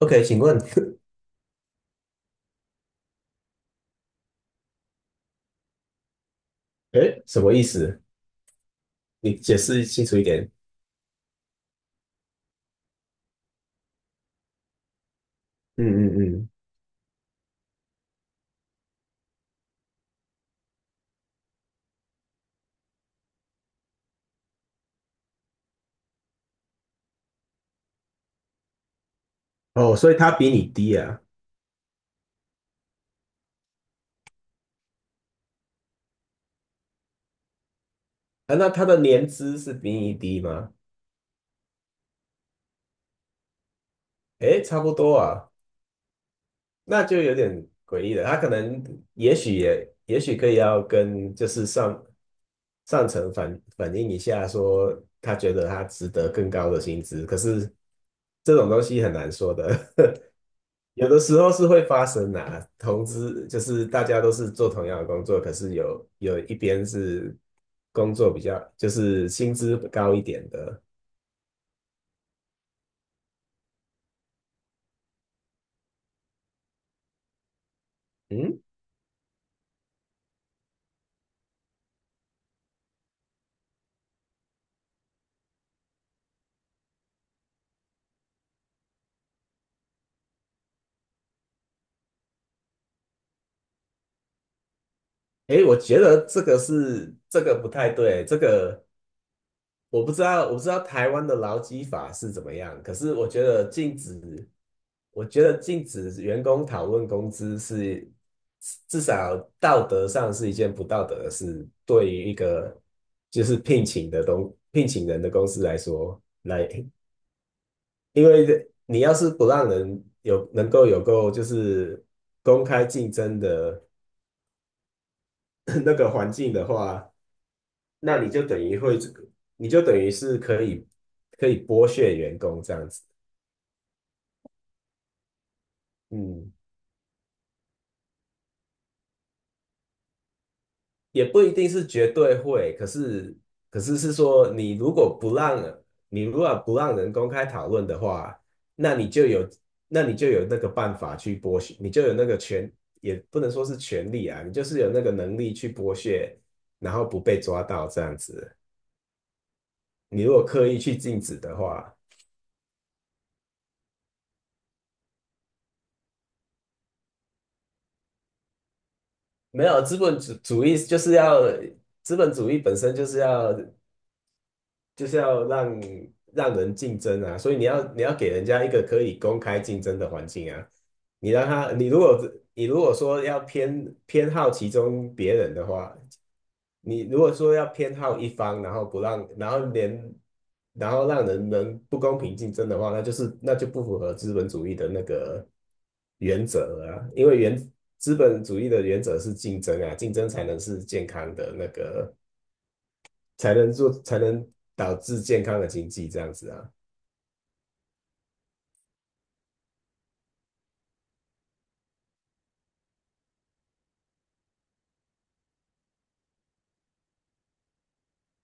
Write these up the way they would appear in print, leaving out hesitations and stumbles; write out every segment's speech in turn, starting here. OK，请问。诶，什么意思？你解释清楚一点。嗯嗯嗯。哦，所以他比你低啊？啊，那他的年资是比你低吗？诶，差不多啊，那就有点诡异了。他可能，也许可以要跟就是上层反映一下，说他觉得他值得更高的薪资。可是这种东西很难说的。有的时候是会发生的啊，同资就是大家都是做同样的工作，可是有一边是工作比较就是薪资高一点的，嗯。诶，我觉得这个不太对，我不知道台湾的劳基法是怎么样。可是我觉得禁止员工讨论工资是至少道德上是一件不道德的事。对于一个就是聘请人的公司来说，因为你要是不让人有能够有够就是公开竞争的 那个环境的话，那你就等于会，你就等于是可以剥削员工这样子。嗯，也不一定是绝对会，可是是说，你如果不让人公开讨论的话，那你就有那你就有那个办法去剥削。你就有那个权，也不能说是权利啊，你就是有那个能力去剥削，然后不被抓到这样子。你如果刻意去禁止的话，没有资本主义本身就是要让人竞争啊，所以你要给人家一个可以公开竞争的环境啊。你让他，你如果说要偏好其中别人的话，你如果说要偏好一方，然后不让，然后连然后让人们不公平竞争的话，那就不符合资本主义的那个原则了啊，因为资本主义的原则是竞争啊。竞争才能是健康的那个才能导致健康的经济这样子啊。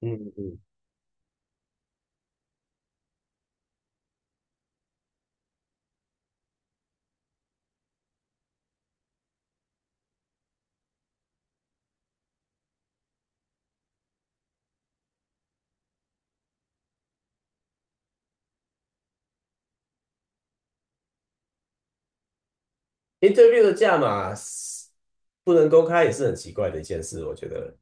嗯嗯，interview 的价码是不能公开也是很奇怪的一件事，我觉得。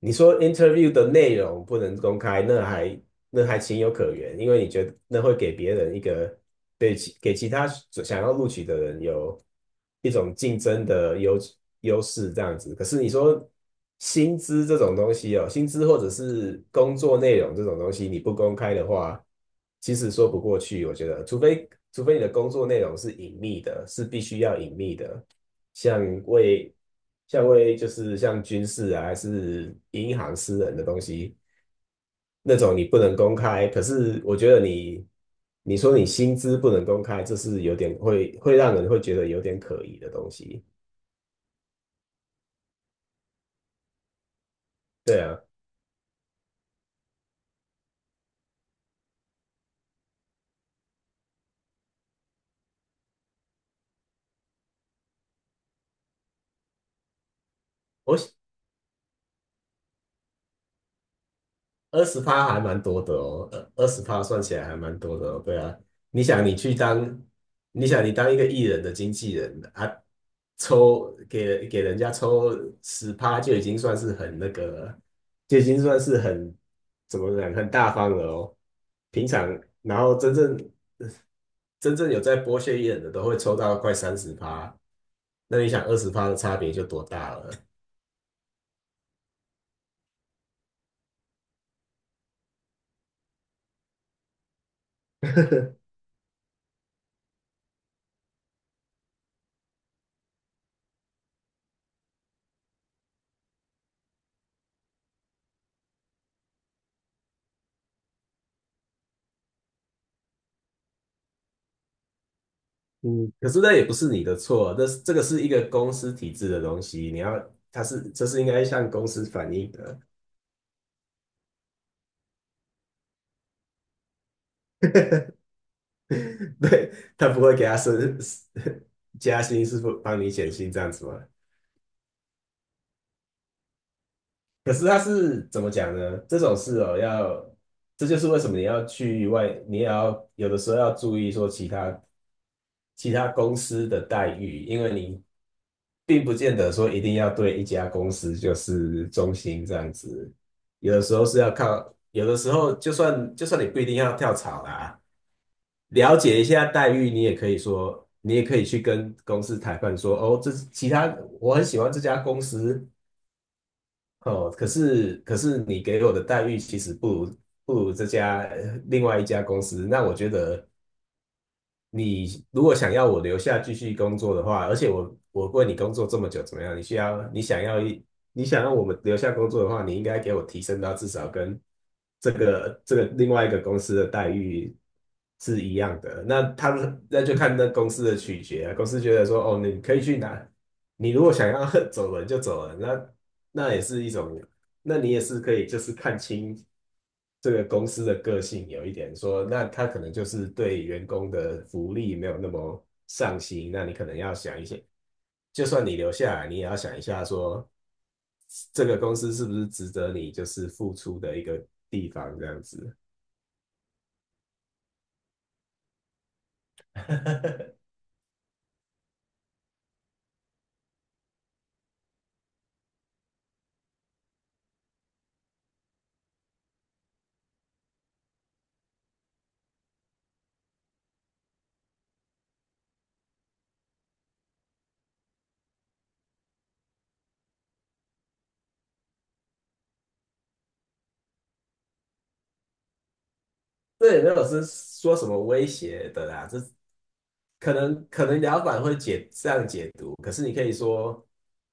你说 interview 的内容不能公开，那还情有可原，因为你觉得那会给别人一个给其他想要录取的人有一种竞争的优势这样子。可是你说薪资这种东西哦，薪资或者是工作内容这种东西，你不公开的话，其实说不过去。我觉得，除非你的工作内容是隐秘的，是必须要隐秘的，像为像军事啊，还是银行、私人的东西，那种你不能公开。可是我觉得你，你说你薪资不能公开，这是有点会让人会觉得有点可疑的东西。对啊，我二十趴还蛮多的哦，二十趴算起来还蛮多的哦。对啊，你想你去当，你想你当一个艺人的经纪人啊，抽给人家抽十趴就已经算是很那个了，就已经算是很怎么讲，很大方了哦。平常然后真正有在剥削艺人的都会抽到快30%，那你想二十趴的差别就多大了？嗯，可是那也不是你的错，这个是一个公司体制的东西。这是应该向公司反映的。对，他不会给他加薪，是不帮你减薪这样子吗？可是他是怎么讲呢？这种事哦，这就是为什么你也要有的时候要注意说其他公司的待遇，因为你并不见得说一定要对一家公司就是忠心这样子。有的时候就算你不一定要跳槽啦，了解一下待遇。你也可以去跟公司谈判说，哦，这其他我很喜欢这家公司。哦，可是你给我的待遇其实不如另外一家公司。那我觉得你如果想要我留下继续工作的话，而且我为你工作这么久，怎么样？你需要你想要一你想要我们留下工作的话，你应该给我提升到至少跟这个另外一个公司的待遇是一样的。那他们那就看那公司的取决啊，公司觉得说哦，你可以去哪你如果想要 走人就走人。那也是一种，那你也是可以就是看清这个公司的个性有一点说，那他可能就是对员工的福利没有那么上心。那你可能要想一些，就算你留下来，你也要想一下说，这个公司是不是值得你就是付出的一个地方这样子。这也没有是说什么威胁的啦，这可能老板会这样解读。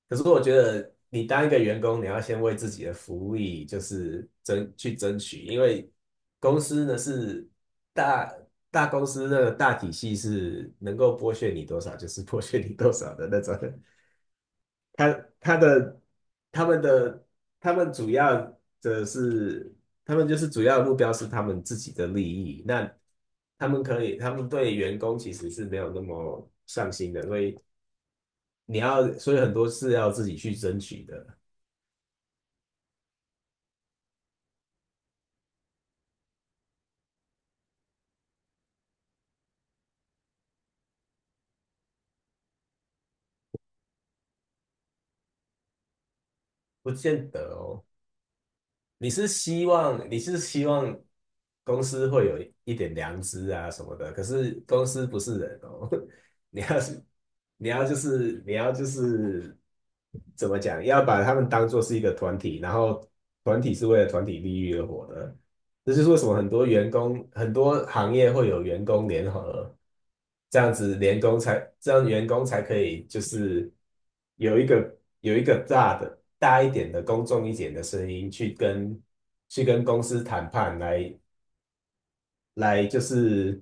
可是我觉得你当一个员工，你要先为自己的福利就是去争取，因为公司呢是大大公司的大体系是能够剥削你多少就是剥削你多少的那种。他他的他们的他们主要的是，他们就是主要的目标是他们自己的利益。那他们对员工其实是没有那么上心的，所以所以很多是要自己去争取的，不见得哦。你是希望公司会有一点良知啊什么的，可是公司不是人哦。你要是你要就是怎么讲，要把他们当做是一个团体，然后团体是为了团体利益而活的，这就是为什么很多员工、很多行业会有员工联合，这样子联工才这样员工才可以就是有一个大一点的公众一点的声音去跟公司谈判来就是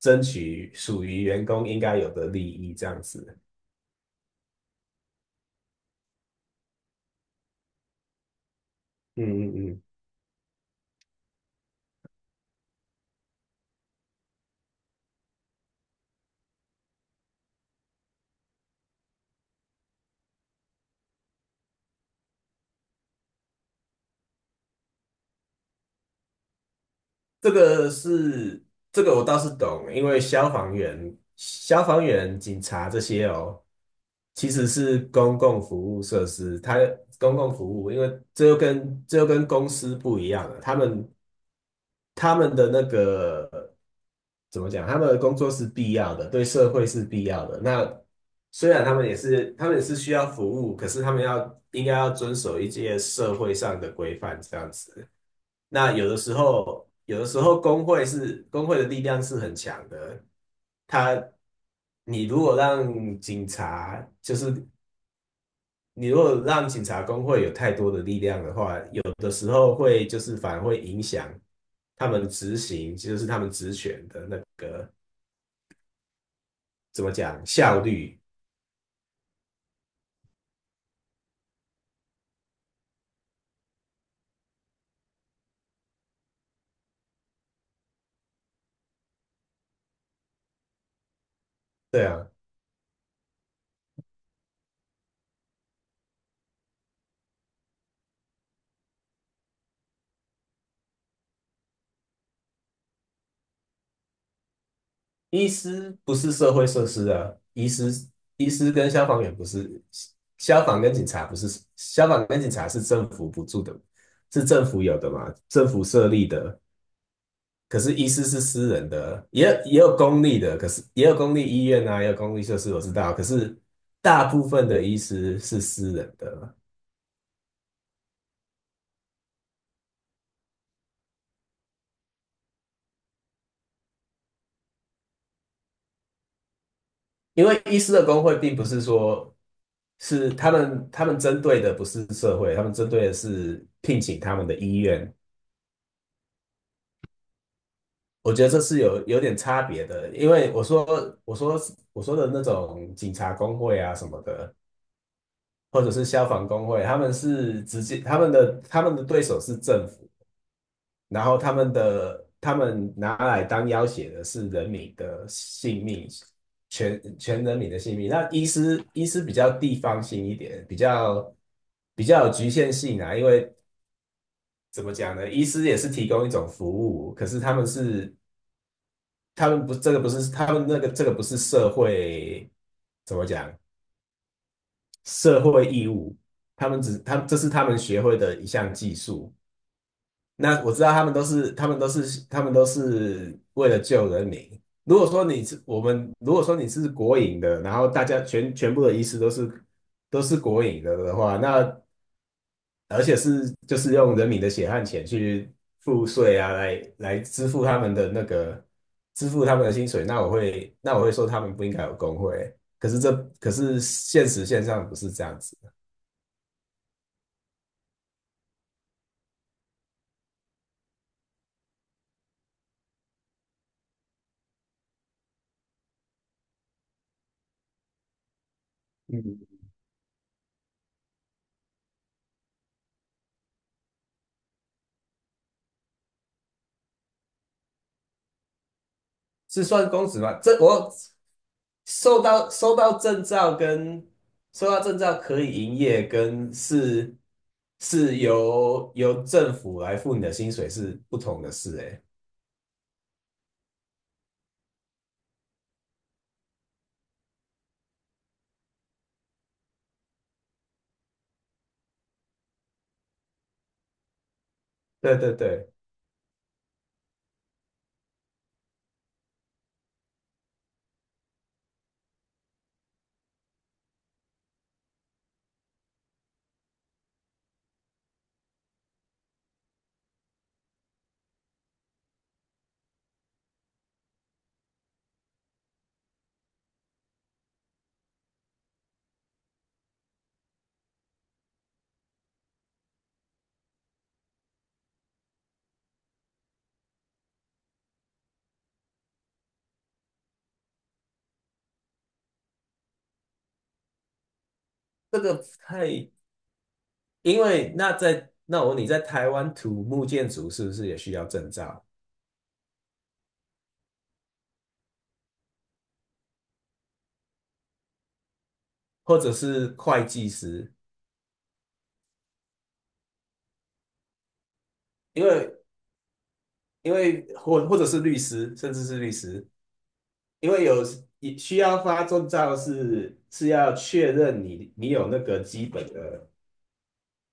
争取属于员工应该有的利益这样子。嗯嗯嗯。这个是这个我倒是懂，因为消防员、警察这些哦，其实是公共服务设施。公共服务，因为这又跟公司不一样了，他们的那个怎么讲？他们的工作是必要的，对社会是必要的。那虽然他们也是需要服务，可是他们要应该要遵守一些社会上的规范，这样子。那有的时候工会的力量是很强的。他，你如果让警察，就是你如果让警察工会有太多的力量的话，有的时候会就是反而会影响他们执行，就是他们职权的那个怎么讲，效率。对啊。医师不是社会设施啊，医师跟消防员不是，消防跟警察不是，消防跟警察是政府补助的，是政府有的嘛，政府设立的。可是医师是私人的，也有公立的，可是也有公立医院啊，也有公立设施，我知道。可是大部分的医师是私人的，因为医师的工会并不是说是他们针对的不是社会，他们针对的是聘请他们的医院。我觉得这是有点差别的，因为我说的那种警察工会啊什么的，或者是消防工会，他们是直接他们的他们的对手是政府，然后他们拿来当要挟的是人民的性命，全人民的性命。那医师比较地方性一点，比较有局限性啊。因为怎么讲呢？医师也是提供一种服务，可是他们不，这个不是他们那个这个不是怎么讲，社会义务，他们只他这是他们学会的一项技术。那我知道他们都是为了救人民。如果说你是国营的，然后大家全部的医师都是国营的的话，那而且是就是用人民的血汗钱去付税啊，来支付他们的薪水。那我会说他们不应该有工会，可是现象不是这样子。嗯，是算工资吗？这我收到证照跟收到证照可以营业，跟是由政府来付你的薪水是不同的事、欸，哎，对对对，这个太因为那在那我问你在台湾土木建筑是不是也需要证照，或者是会计师？因为因为或者是律师，甚至是律师，因为有你需要发证照是要确认你有那个基本的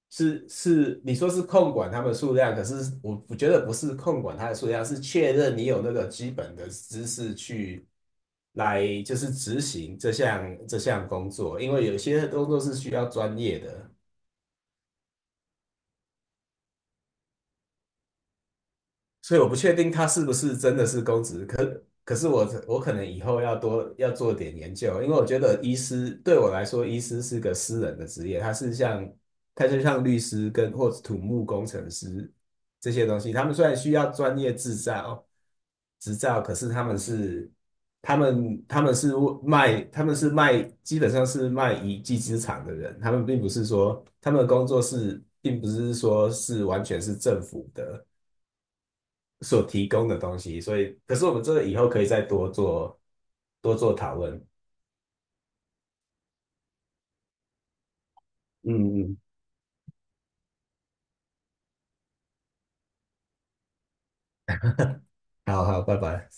是，你说是控管他们数量，可是我觉得不是控管他的数量，是确认你有那个基本的知识来就是执行这项工作，因为有些工作是需要专业的。所以我不确定他是不是真的是公职，可是我可能以后要做点研究，因为我觉得医师对我来说，医师是个私人的职业，他就像律师或者土木工程师这些东西。他们虽然需要专业执照，可是他们是他们他们是卖他们是卖基本上是卖一技之长的人，他们并不是说他们的工作是并不是说是完全是政府的。所提供的东西，可是我们这个以后可以再多做讨论。嗯嗯，好好，拜拜。